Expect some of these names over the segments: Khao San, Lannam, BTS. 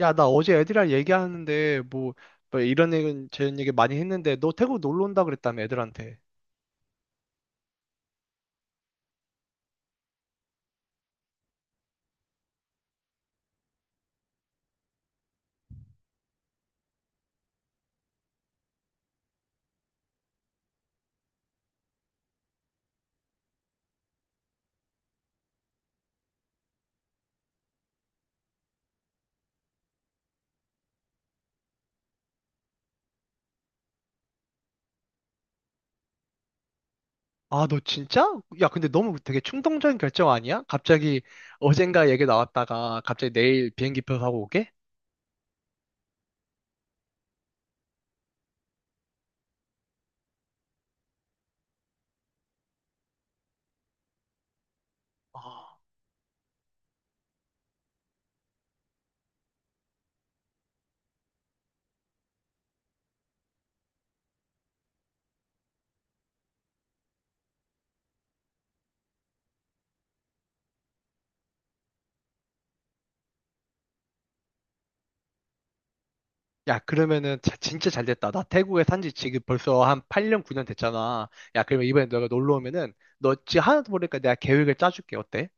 야, 나 어제 애들이랑 얘기하는데, 뭐 이런 얘기, 저런 얘기 많이 했는데, 너 태국 놀러 온다 그랬다며, 애들한테. 아, 너 진짜? 야, 근데 너무 되게 충동적인 결정 아니야? 갑자기 어젠가 얘기 나왔다가, 갑자기 내일 비행기표 사고 오게? 아. 야, 그러면은 진짜 잘 됐다. 나 태국에 산지 지금 벌써 한 8년, 9년 됐잖아. 야, 그러면 이번에 너가 놀러 오면은 너 지금 하나도 모르니까 내가 계획을 짜줄게. 어때?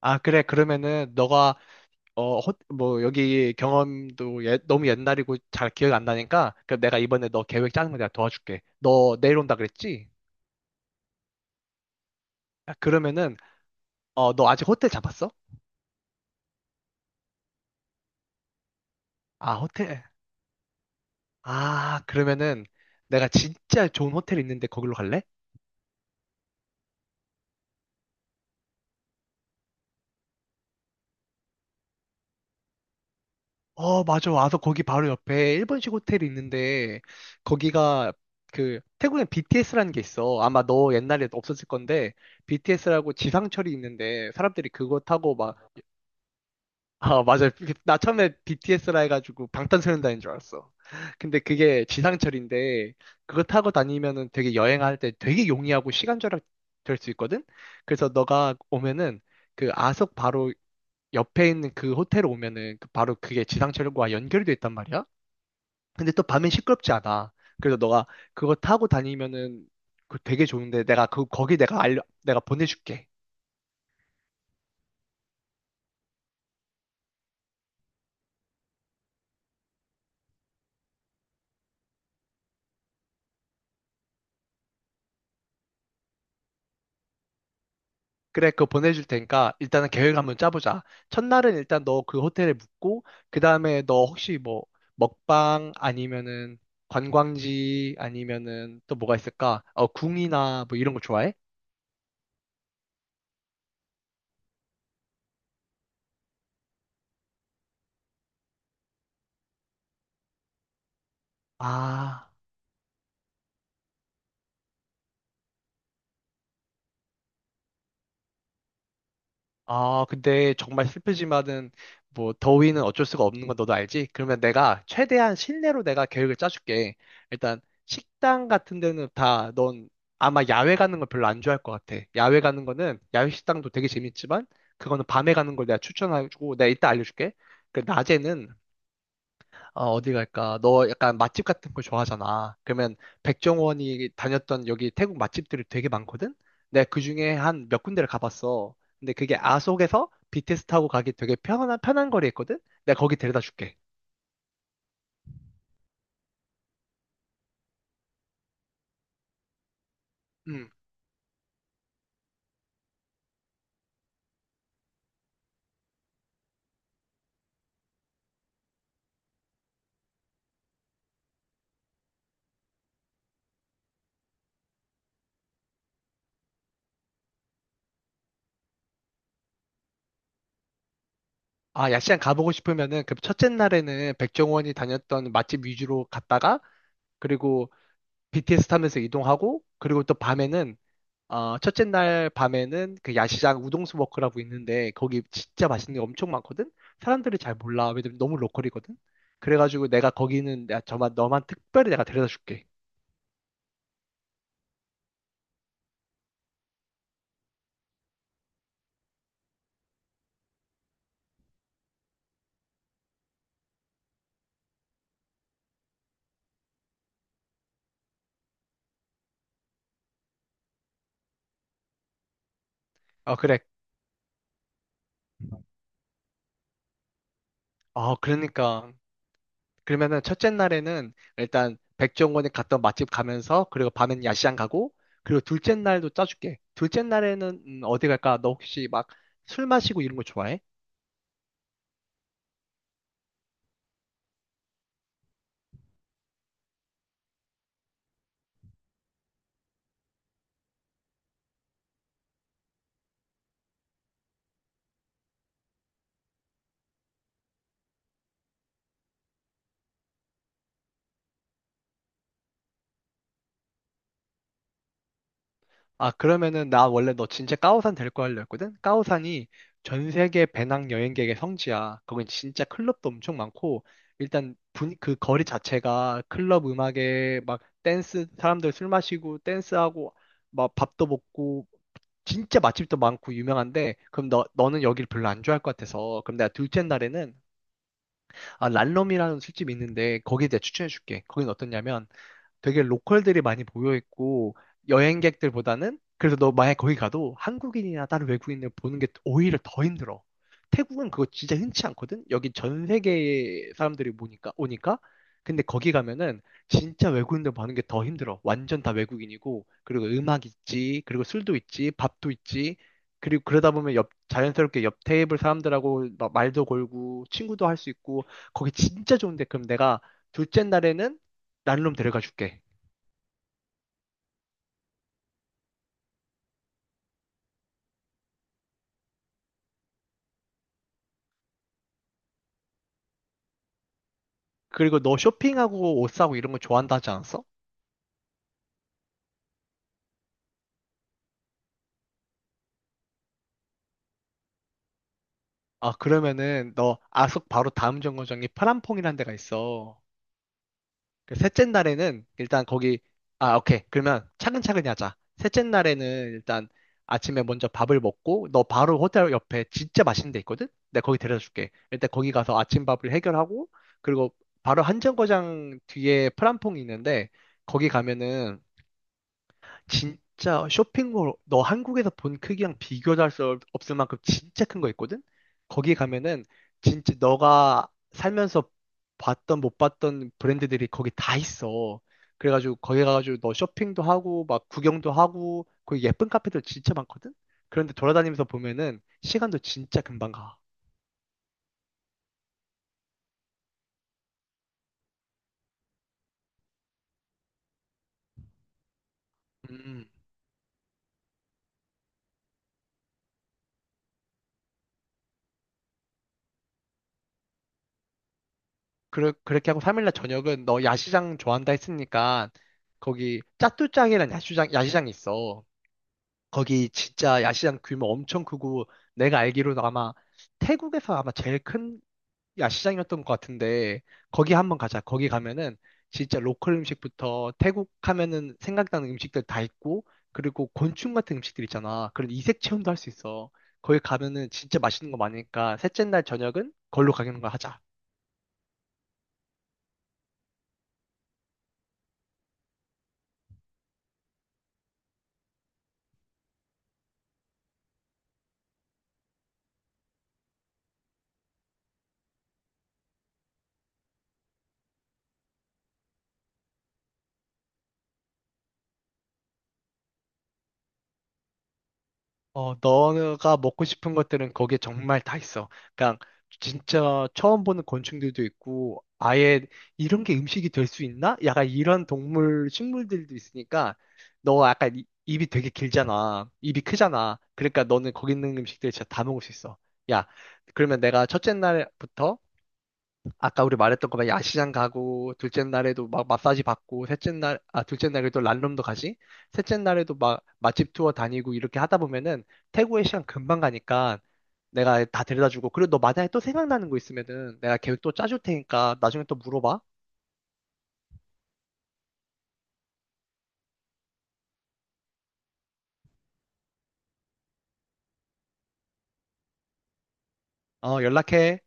아, 그래. 그러면은 너가 여기 경험도 너무 옛날이고 잘 기억이 안 나니까, 그럼 내가 이번에 너 계획 짜는 거 내가 도와줄게. 너 내일 온다 그랬지? 아, 그러면은, 어, 너 아직 호텔 잡았어? 아, 호텔. 아, 그러면은 내가 진짜 좋은 호텔 있는데 거기로 갈래? 어, 맞아. 와서 거기 바로 옆에 일본식 호텔이 있는데, 거기가 그, 태국엔 BTS라는 게 있어. 아마 너 옛날에 없었을 건데, BTS라고 지상철이 있는데, 사람들이 그거 타고 막 아, 맞아요. 그- 나 처음에 BTS라 해가지고 방탄소년단인 줄 알았어. 근데 그게 지상철인데, 그거 타고 다니면은 되게 여행할 때 되게 용이하고 시간 절약 될 수 있거든? 그래서 너가 오면은 그 아속 바로 옆에 있는 그 호텔 오면은 그 바로 그게 지상철과 연결이 돼 있단 말이야? 근데 또 밤엔 시끄럽지 않아. 그래서 너가 그거 타고 다니면은 그 되게 좋은데 내가 그, 거기 내가 보내줄게. 그래, 그거 보내줄 테니까 일단은 계획 한번 짜보자. 첫날은 일단 너 그 호텔에 묵고, 그 다음에 너 혹시 뭐 먹방 아니면은 관광지 아니면은 또 뭐가 있을까? 어, 궁이나 뭐 이런 거 좋아해? 아. 아, 근데 정말 슬프지만은 뭐 더위는 어쩔 수가 없는 건 너도 알지? 그러면 내가 최대한 실내로 내가 계획을 짜줄게. 일단 식당 같은 데는 다 넌 아마 야외 가는 걸 별로 안 좋아할 것 같아. 야외 가는 거는 야외 식당도 되게 재밌지만 그거는 밤에 가는 걸 내가 추천하고 내가 이따 알려줄게. 그 낮에는 아, 어디 갈까? 너 약간 맛집 같은 거 좋아하잖아. 그러면 백종원이 다녔던 여기 태국 맛집들이 되게 많거든? 내가 그중에 한 몇 군데를 가봤어. 근데 그게 아속에서 BTS 타고 가기 되게 편한 거리 있거든? 내가 거기 데려다 줄게. 음. 아, 야시장 가보고 싶으면은 그 첫째 날에는 백종원이 다녔던 맛집 위주로 갔다가 그리고 BTS 타면서 이동하고 그리고 또 밤에는 어, 첫째 날 밤에는 그 야시장 우동수 워크라고 있는데 거기 진짜 맛있는 게 엄청 많거든? 사람들이 잘 몰라. 왜냐면 너무 로컬이거든? 그래가지고 내가 거기는 너만 특별히 내가 데려다 줄게. 어, 그래. 어, 그러니까. 그러면은 첫째 날에는 일단 백종원이 갔던 맛집 가면서 그리고 밤엔 야시장 가고 그리고 둘째 날도 짜줄게. 둘째 날에는 어디 갈까? 너 혹시 막 술 마시고 이런 거 좋아해? 아, 그러면은 나 원래 너 진짜 까오산 데리고 하려 했거든? 까오산이 전 세계 배낭 여행객의 성지야. 거긴 진짜 클럽도 엄청 많고, 일단 그 거리 자체가 클럽 음악에 막 댄스, 사람들 술 마시고 댄스하고 막 밥도 먹고, 진짜 맛집도 많고 유명한데, 그럼 너는 여기를 별로 안 좋아할 것 같아서, 그럼 내가 둘째 날에는, 아, 란롬이라는 술집이 있는데, 거기에 대해 추천해줄게. 거긴 어떠냐면, 되게 로컬들이 많이 모여 있고 여행객들보다는 그래서 너 만약 거기 가도 한국인이나 다른 외국인을 보는 게 오히려 더 힘들어. 태국은 그거 진짜 흔치 않거든. 여기 전 세계 사람들이 보니까 오니까 근데 거기 가면은 진짜 외국인들 보는 게 더 힘들어. 완전 다 외국인이고 그리고 음악 있지, 그리고 술도 있지, 밥도 있지. 그리고 그러다 보면 옆 자연스럽게 옆 테이블 사람들하고 막 말도 걸고 친구도 할 수 있고 거기 진짜 좋은데 그럼 내가 둘째 날에는 난룸 데려가 줄게. 그리고 너 쇼핑하고 옷 사고 이런 거 좋아한다 하지 않았어? 아, 그러면은 너 아속 바로 다음 정거장이 파란퐁이라는 데가 있어. 그 셋째 날에는 일단 거기, 아, 오케이. 그러면 차근차근히 하자. 셋째 날에는 일단 아침에 먼저 밥을 먹고 너 바로 호텔 옆에 진짜 맛있는 데 있거든? 내가 거기 데려다 줄게. 일단 거기 가서 아침밥을 해결하고 그리고 바로 한 정거장 뒤에 파란퐁이 있는데 거기 가면은 진짜 쇼핑몰 너 한국에서 본 크기랑 비교도 할 수 없을 만큼 진짜 큰 거 있거든? 거기 가면은 진짜 너가 살면서 봤던 못 봤던 브랜드들이 거기 다 있어. 그래가지고 거기 가가지고 너 쇼핑도 하고 막 구경도 하고 거기 예쁜 카페들 진짜 많거든? 그런데 돌아다니면서 보면은 시간도 진짜 금방 가. 음. 그렇게 하고 3일날 저녁은 너 야시장 좋아한다 했으니까 거기 짜뚜짱이란 야시장이 있어. 거기 진짜 야시장 규모 엄청 크고 내가 알기로도 아마 태국에서 아마 제일 큰 야시장이었던 것 같은데 거기 한번 가자. 거기 가면은 진짜 로컬 음식부터 태국 하면은 생각나는 음식들 다 있고 그리고 곤충 같은 음식들 있잖아. 그런 이색 체험도 할 수 있어. 거기 가면은 진짜 맛있는 거 많으니까 셋째 날 저녁은 걸로 가는 거 하자. 어, 너가 먹고 싶은 것들은 거기에 정말 다 있어. 그냥 진짜 처음 보는 곤충들도 있고, 아예 이런 게 음식이 될 수 있나? 약간 이런 동물, 식물들도 있으니까, 너가 약간 입이 되게 길잖아. 입이 크잖아. 그러니까 너는 거기 있는 음식들 진짜 다 먹을 수 있어. 야, 그러면 내가 첫째 날부터 아까 우리 말했던 거막 야시장 가고, 둘째 날에도 막 마사지 받고, 둘째 날에도 란룸도 가지? 셋째 날에도 막 맛집 투어 다니고 이렇게 하다 보면은 태국의 시간 금방 가니까 내가 다 데려다 주고, 그리고 너 만약에 또 생각나는 거 있으면은 내가 계획 또 짜줄 테니까 나중에 또 물어봐. 어, 연락해.